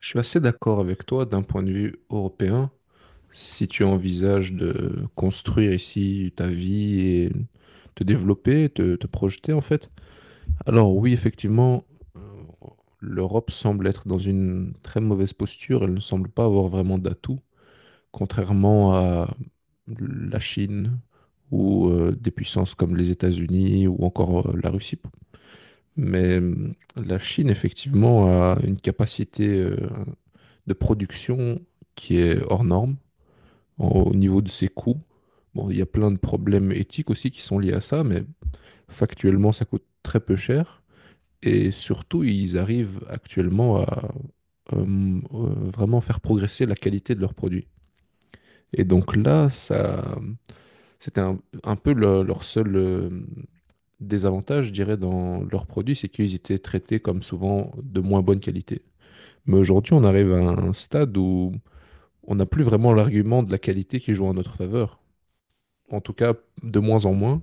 Je suis assez d'accord avec toi d'un point de vue européen. Si tu envisages de construire ici ta vie et te développer, te projeter en fait, alors oui, effectivement, euh, l'Europe semble être dans une très mauvaise posture. Elle ne semble pas avoir vraiment d'atout, contrairement à la Chine ou des puissances comme les États-Unis ou encore la Russie. Mais la Chine, effectivement, a une capacité de production qui est hors norme au niveau de ses coûts. Bon, il y a plein de problèmes éthiques aussi qui sont liés à ça, mais factuellement, ça coûte très peu cher. Et surtout, ils arrivent actuellement à euh, euh, vraiment faire progresser la qualité de leurs produits. Et donc là, ça, c'était un peu leur seul désavantage, je dirais, dans leurs produits, c'est qu'ils étaient traités comme souvent de moins bonne qualité. Mais aujourd'hui, on arrive à un stade où on n'a plus vraiment l'argument de la qualité qui joue en notre faveur. En tout cas, de moins en moins.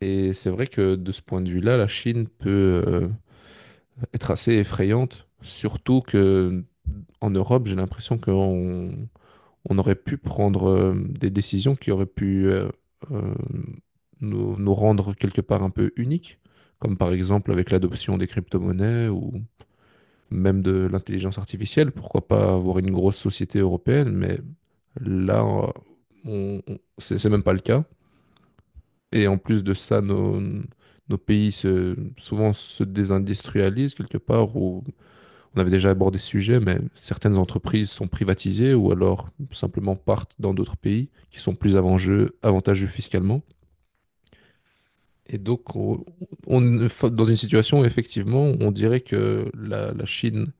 Et c'est vrai que de ce point de vue-là, la Chine peut être assez effrayante, surtout que en Europe, j'ai l'impression qu'on on aurait pu prendre des décisions qui auraient pu euh, nous rendre quelque part un peu uniques, comme par exemple avec l'adoption des crypto-monnaies ou même de l'intelligence artificielle, pourquoi pas avoir une grosse société européenne, mais là, c'est même pas le cas. Et en plus de ça, nos pays souvent se désindustrialisent quelque part, ou on avait déjà abordé ce sujet, mais certaines entreprises sont privatisées ou alors simplement partent dans d'autres pays qui sont plus avantageux fiscalement. Et donc, on est dans une situation où effectivement, on dirait que la Chine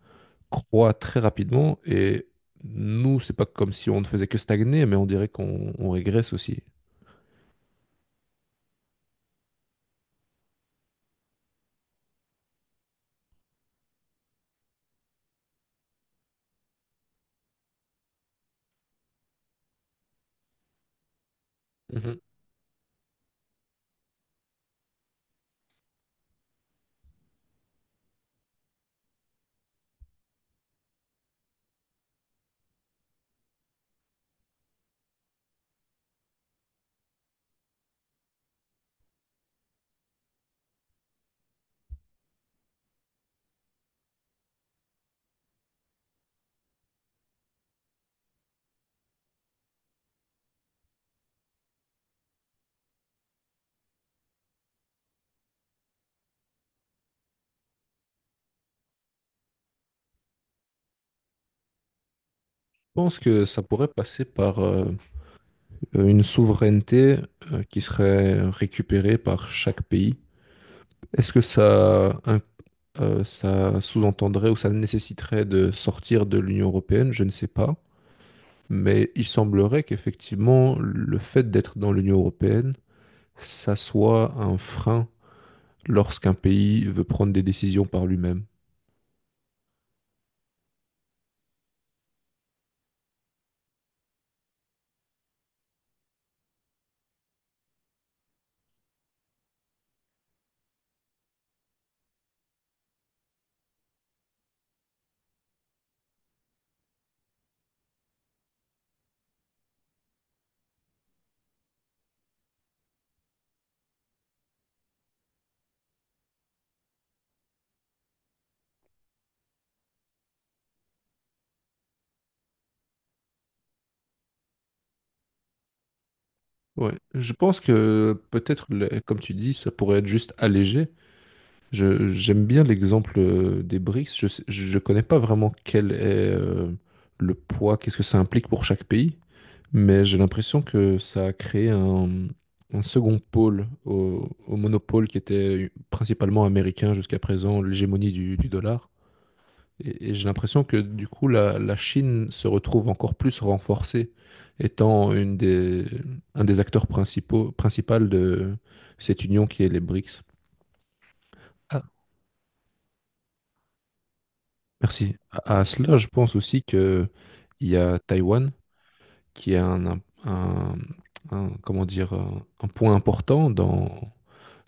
croît très rapidement et nous, c'est pas comme si on ne faisait que stagner, mais on dirait qu'on on régresse aussi. Mhm. Je pense que ça pourrait passer par une souveraineté qui serait récupérée par chaque pays. Est-ce que ça, ça sous-entendrait ou ça nécessiterait de sortir de l'Union européenne? Je ne sais pas. Mais il semblerait qu'effectivement, le fait d'être dans l'Union européenne, ça soit un frein lorsqu'un pays veut prendre des décisions par lui-même. Ouais, je pense que peut-être, comme tu dis, ça pourrait être juste allégé. J'aime bien l'exemple des BRICS. Je connais pas vraiment quel est euh, le poids, qu'est-ce que ça implique pour chaque pays, mais j'ai l'impression que ça a créé un second pôle au monopole qui était principalement américain jusqu'à présent, l'hégémonie du dollar. Et j'ai l'impression que du coup, la Chine se retrouve encore plus renforcée, étant un des acteurs principaux de cette union qui est les BRICS. Ah, merci. À cela, je pense aussi que il y a Taïwan qui est un point important dans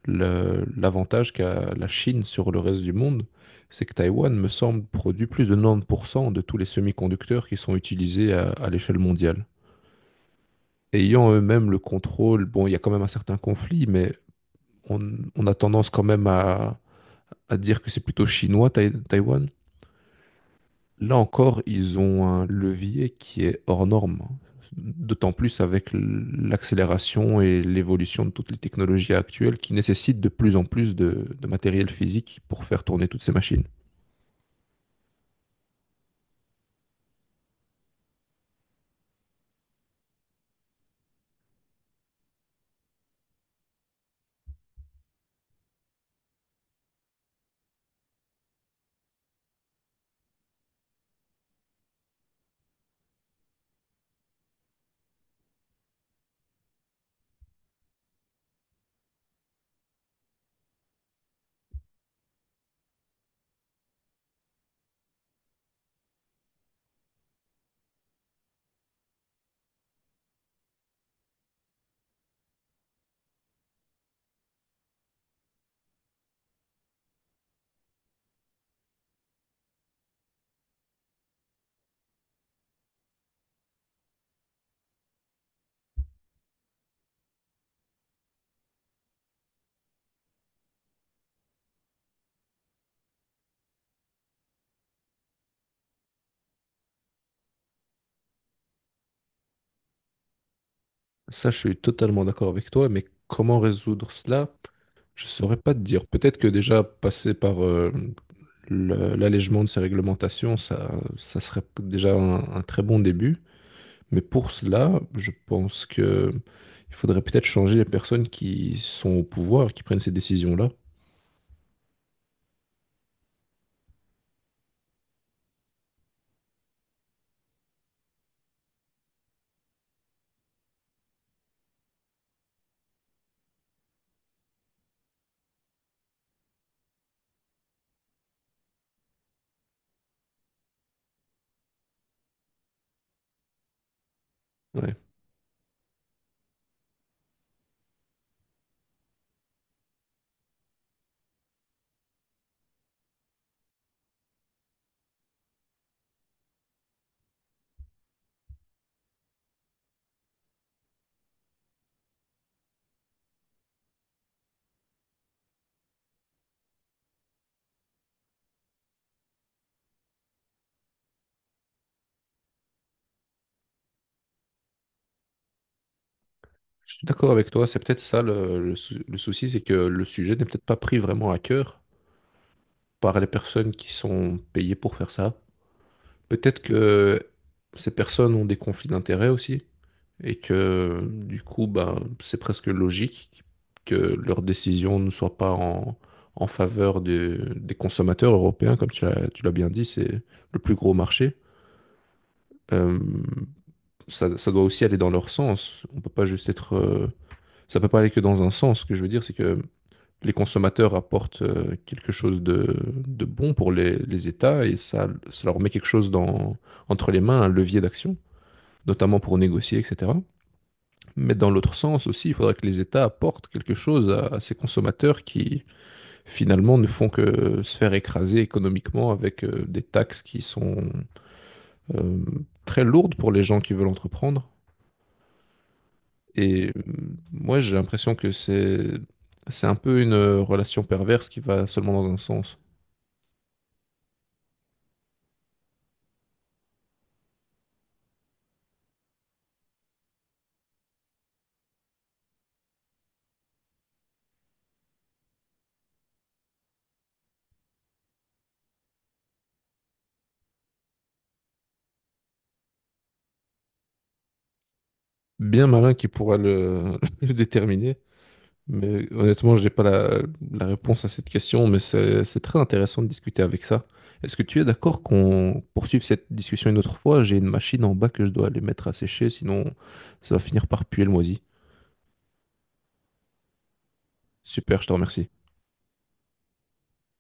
l'avantage qu'a la Chine sur le reste du monde. C'est que Taïwan, me semble, produit plus de 90% de tous les semi-conducteurs qui sont utilisés à l'échelle mondiale. Ayant eux-mêmes le contrôle, bon, il y a quand même un certain conflit, mais on, on a tendance quand même à dire que c'est plutôt chinois, Taïwan. Là encore, ils ont un levier qui est hors norme, d'autant plus avec l'accélération et l'évolution de toutes les technologies actuelles qui nécessitent de plus en plus de matériel physique pour faire tourner toutes ces machines. Ça, je suis totalement d'accord avec toi, mais comment résoudre cela? Je saurais pas te dire. Peut-être que déjà passer par l'allègement de ces réglementations, ça serait déjà un très bon début. Mais pour cela, je pense que il faudrait peut-être changer les personnes qui sont au pouvoir, qui prennent ces décisions-là. Ouais. Je suis d'accord avec toi, c'est peut-être ça le souci, c'est que le sujet n'est peut-être pas pris vraiment à cœur par les personnes qui sont payées pour faire ça. Peut-être que ces personnes ont des conflits d'intérêts aussi, et que du coup, ben, c'est presque logique que leurs décisions ne soient pas en faveur des consommateurs européens, comme tu l'as bien dit, c'est le plus gros marché. Euh, ça doit aussi aller dans leur sens. On peut pas juste être. Ça peut pas aller que dans un sens. Ce que je veux dire, c'est que les consommateurs apportent quelque chose de bon pour les États et ça leur met quelque chose entre les mains, un levier d'action, notamment pour négocier, etc. Mais dans l'autre sens aussi, il faudrait que les États apportent quelque chose à ces consommateurs qui finalement ne font que se faire écraser économiquement avec des taxes qui sont euh, très lourdes pour les gens qui veulent entreprendre. Et moi, j'ai l'impression que c'est un peu une relation perverse qui va seulement dans un sens. Bien malin qui pourra le déterminer. Mais honnêtement, je n'ai pas la réponse à cette question, mais c'est très intéressant de discuter avec ça. Est-ce que tu es d'accord qu'on poursuive cette discussion une autre fois? J'ai une machine en bas que je dois aller mettre à sécher, sinon ça va finir par puer le moisi. Super, je te remercie.